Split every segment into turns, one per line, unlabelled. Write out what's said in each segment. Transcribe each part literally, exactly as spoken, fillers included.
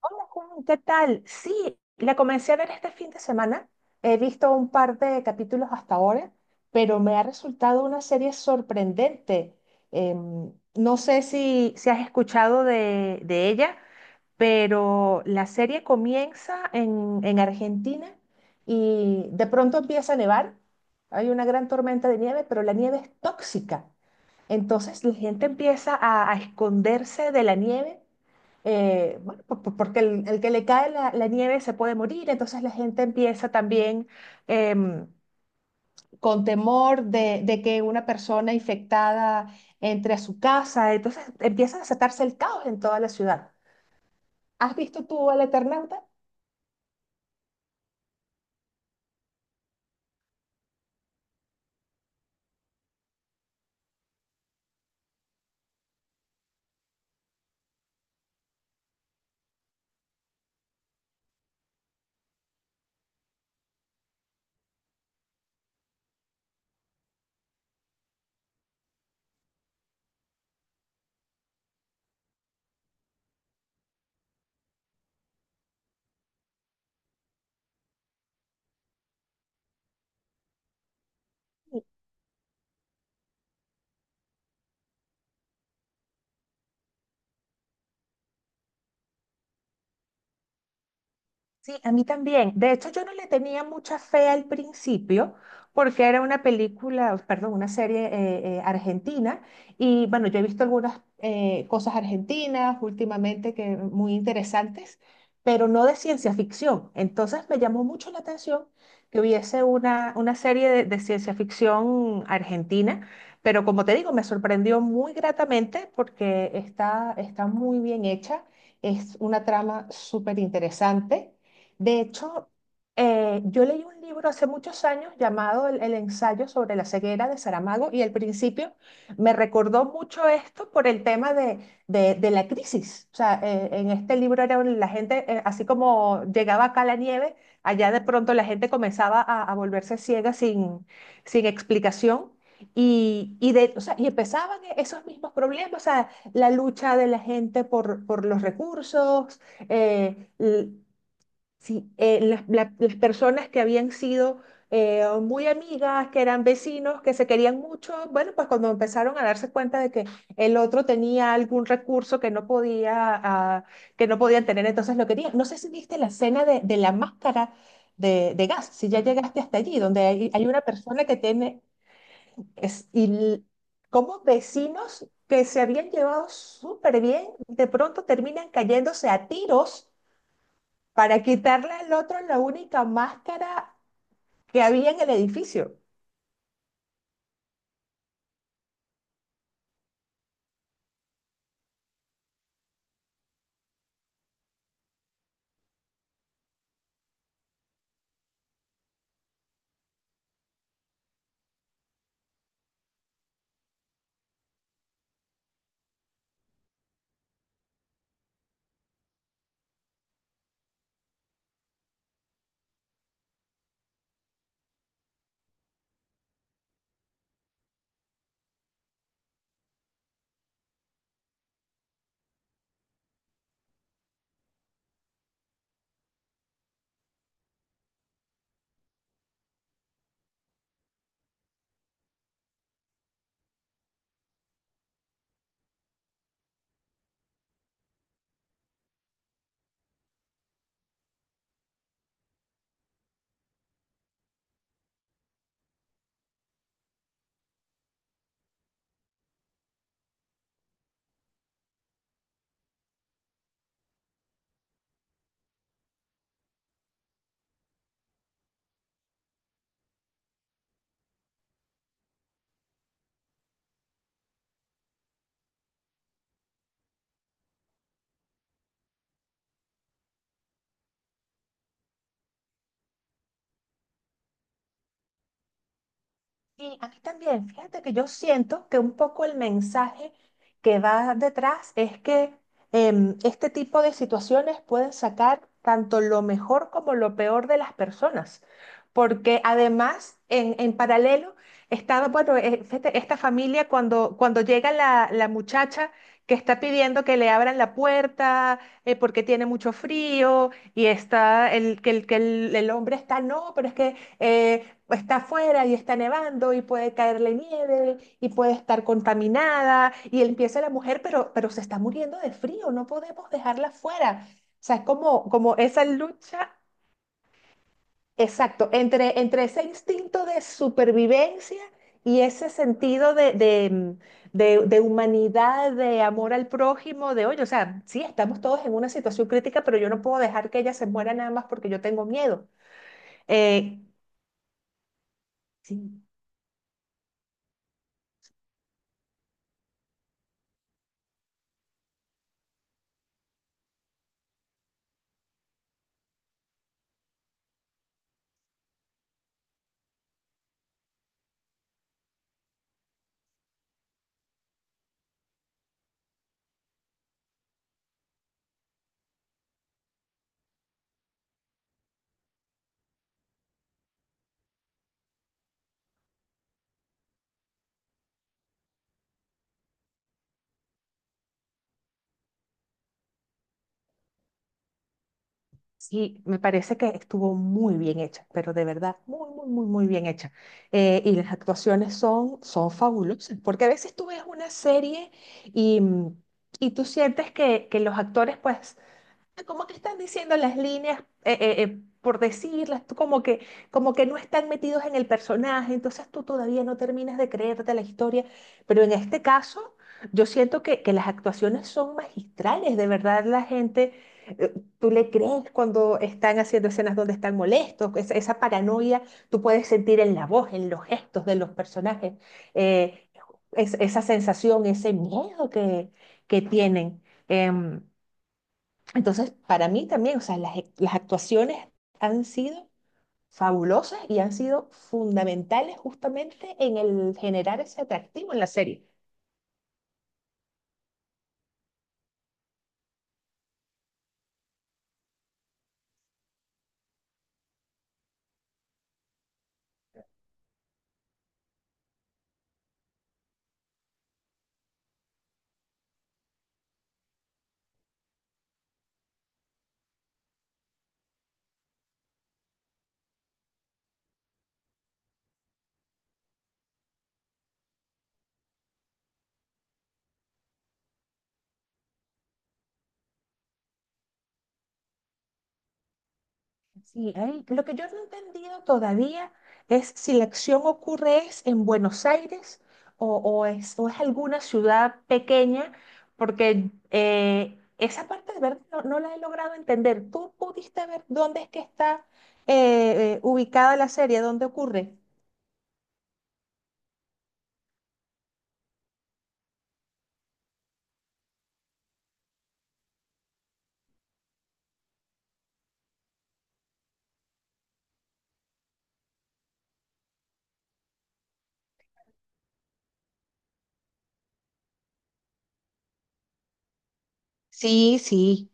Hola Juan, ¿qué tal? Sí, la comencé a ver este fin de semana. He visto un par de capítulos hasta ahora, pero me ha resultado una serie sorprendente. Em, no sé si, si has escuchado de, de ella, pero la serie comienza en, en Argentina y de pronto empieza a nevar. Hay una gran tormenta de nieve, pero la nieve es tóxica. Entonces la gente empieza a, a esconderse de la nieve eh, bueno, po- po- porque el, el que le cae la, la nieve se puede morir, entonces la gente empieza también em, con temor de, de que una persona infectada entre a su casa, entonces empieza a desatarse el caos en toda la ciudad. ¿Has visto tú al Eternauta? Sí, a mí también. De hecho, yo no le tenía mucha fe al principio porque era una película, perdón, una serie eh, eh, argentina y bueno, yo he visto algunas eh, cosas argentinas últimamente que muy interesantes, pero no de ciencia ficción. Entonces me llamó mucho la atención que hubiese una, una serie de, de ciencia ficción argentina, pero como te digo, me sorprendió muy gratamente porque está, está muy bien hecha, es una trama súper interesante. De hecho, eh, yo leí un libro hace muchos años llamado El, el ensayo sobre la ceguera de Saramago y al principio me recordó mucho esto por el tema de, de- de la crisis. O sea, eh, en este libro era un- la gente, eh, así como llegaba acá la nieve, allá de pronto la gente comenzaba a, a volverse ciega sin, sin explicación. Y, y, de, o sea, y empezaban e, esos mismos problemas, o sea, la lucha de la gente por, por los recursos, eh, sí, eh, las, la- las personas que habían sido eh, muy amigas, que eran vecinos, que se querían mucho, bueno, pues cuando empezaron a darse cuenta de que el otro tenía algún recurso que no podía, ah, que no podían tener, entonces lo querían. No sé si viste la escena de, de la máscara de, de gas, si ya llegaste hasta allí, donde hay, hay una persona que tiene, es, y l- como vecinos que se habían llevado súper bien, de pronto terminan cayéndose a tiros para quitarle al otro la única máscara que había en el edificio. Sí, a mí también. Fíjate que yo siento que un poco el mensaje que va detrás es que em, este tipo de situaciones pueden sacar tanto lo mejor como lo peor de las personas. Porque además, en, en paralelo, estaba, bueno, eh, fíjate, esta familia cuando, cuando llega la, la muchacha que está pidiendo que le abran la puerta eh, porque tiene mucho frío y está el, que, el, que el, el hombre está, no, pero es que... eh, está afuera y está nevando y puede caerle nieve y puede estar contaminada y empieza la mujer, pero, pero se está muriendo de frío, no podemos dejarla fuera. O sea, es como, como esa lucha, exacto, entre, entre ese instinto de supervivencia y ese sentido de, de, de, de humanidad, de amor al prójimo, de, oye, o sea, sí, estamos todos en una situación crítica, pero yo no puedo dejar que ella se muera nada más porque yo tengo miedo. Eh, sí. Sí, me parece que estuvo muy bien hecha, pero de verdad, muy, muy, muy, muy bien hecha. Eh, y las actuaciones son, son fabulosas, porque a veces tú ves una serie y, mm, y tú sientes que, que los actores pues como que están diciendo las líneas, eh, eh, eh, por decirlas, tú como que, como que no están metidos en el personaje, entonces tú todavía no terminas de creerte la historia, pero en este caso yo siento que, que las actuaciones son magistrales, de verdad la gente, eh, tú le crees cuando están haciendo escenas donde están molestos, esa, esa paranoia tú puedes sentir en la voz, en los gestos de los personajes, eh, es- esa sensación, ese miedo que, que tienen. Em, entonces, para mí también, o sea, las, ac- las actuaciones han sido fabulosas y han sido fundamentales justamente en el generar ese atractivo en la serie. Sí, ahí lo que yo no he entendido todavía es si la acción ocurre es en Buenos Aires o, o es, o es alguna ciudad pequeña, porque eh, esa parte de verdad no, no la he logrado entender. ¿Tú pudiste ver dónde es que está eh, eh, ubicada la serie, dónde ocurre? Sí, sí.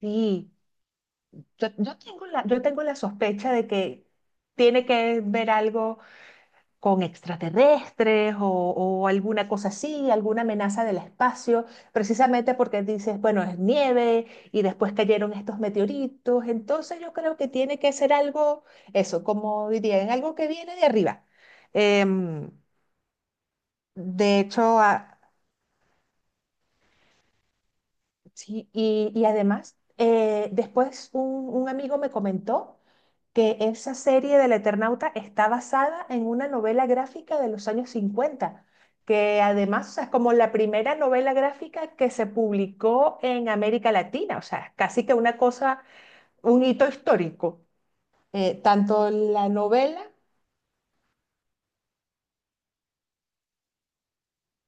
Sí, yo, yo tengo la, yo tengo la sospecha de que tiene que ver algo con extraterrestres o, o alguna cosa así, alguna amenaza del espacio, precisamente porque dices, bueno, es nieve y después cayeron estos meteoritos, entonces yo creo que tiene que ser algo, eso, como dirían, algo que viene de arriba. Em, de hecho, a- sí, y, y además, eh, después un un amigo me comentó que esa serie del Eternauta está basada en una novela gráfica de los años cincuenta que además, o sea, es como la primera novela gráfica que se publicó en América Latina, o sea, casi que una cosa, un hito histórico. Eh, tanto la novela,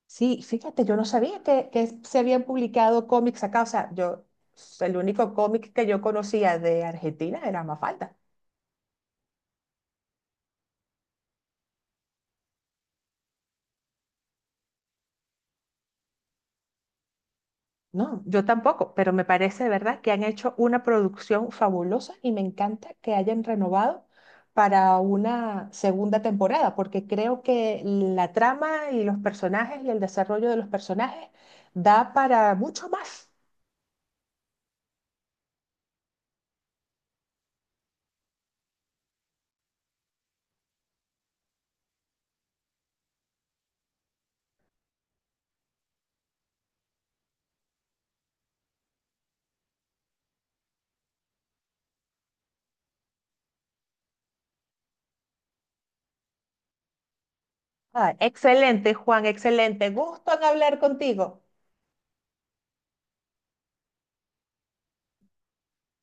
sí, fíjate, yo no sabía que, que se habían publicado cómics acá, o sea, yo, el único cómic que yo conocía de Argentina era Mafalda. No, yo tampoco, pero me parece de verdad que han hecho una producción fabulosa y me encanta que hayan renovado para una segunda temporada, porque creo que la trama y los personajes y el desarrollo de los personajes da para mucho más. Ah, excelente, Juan, excelente. Gusto en hablar contigo.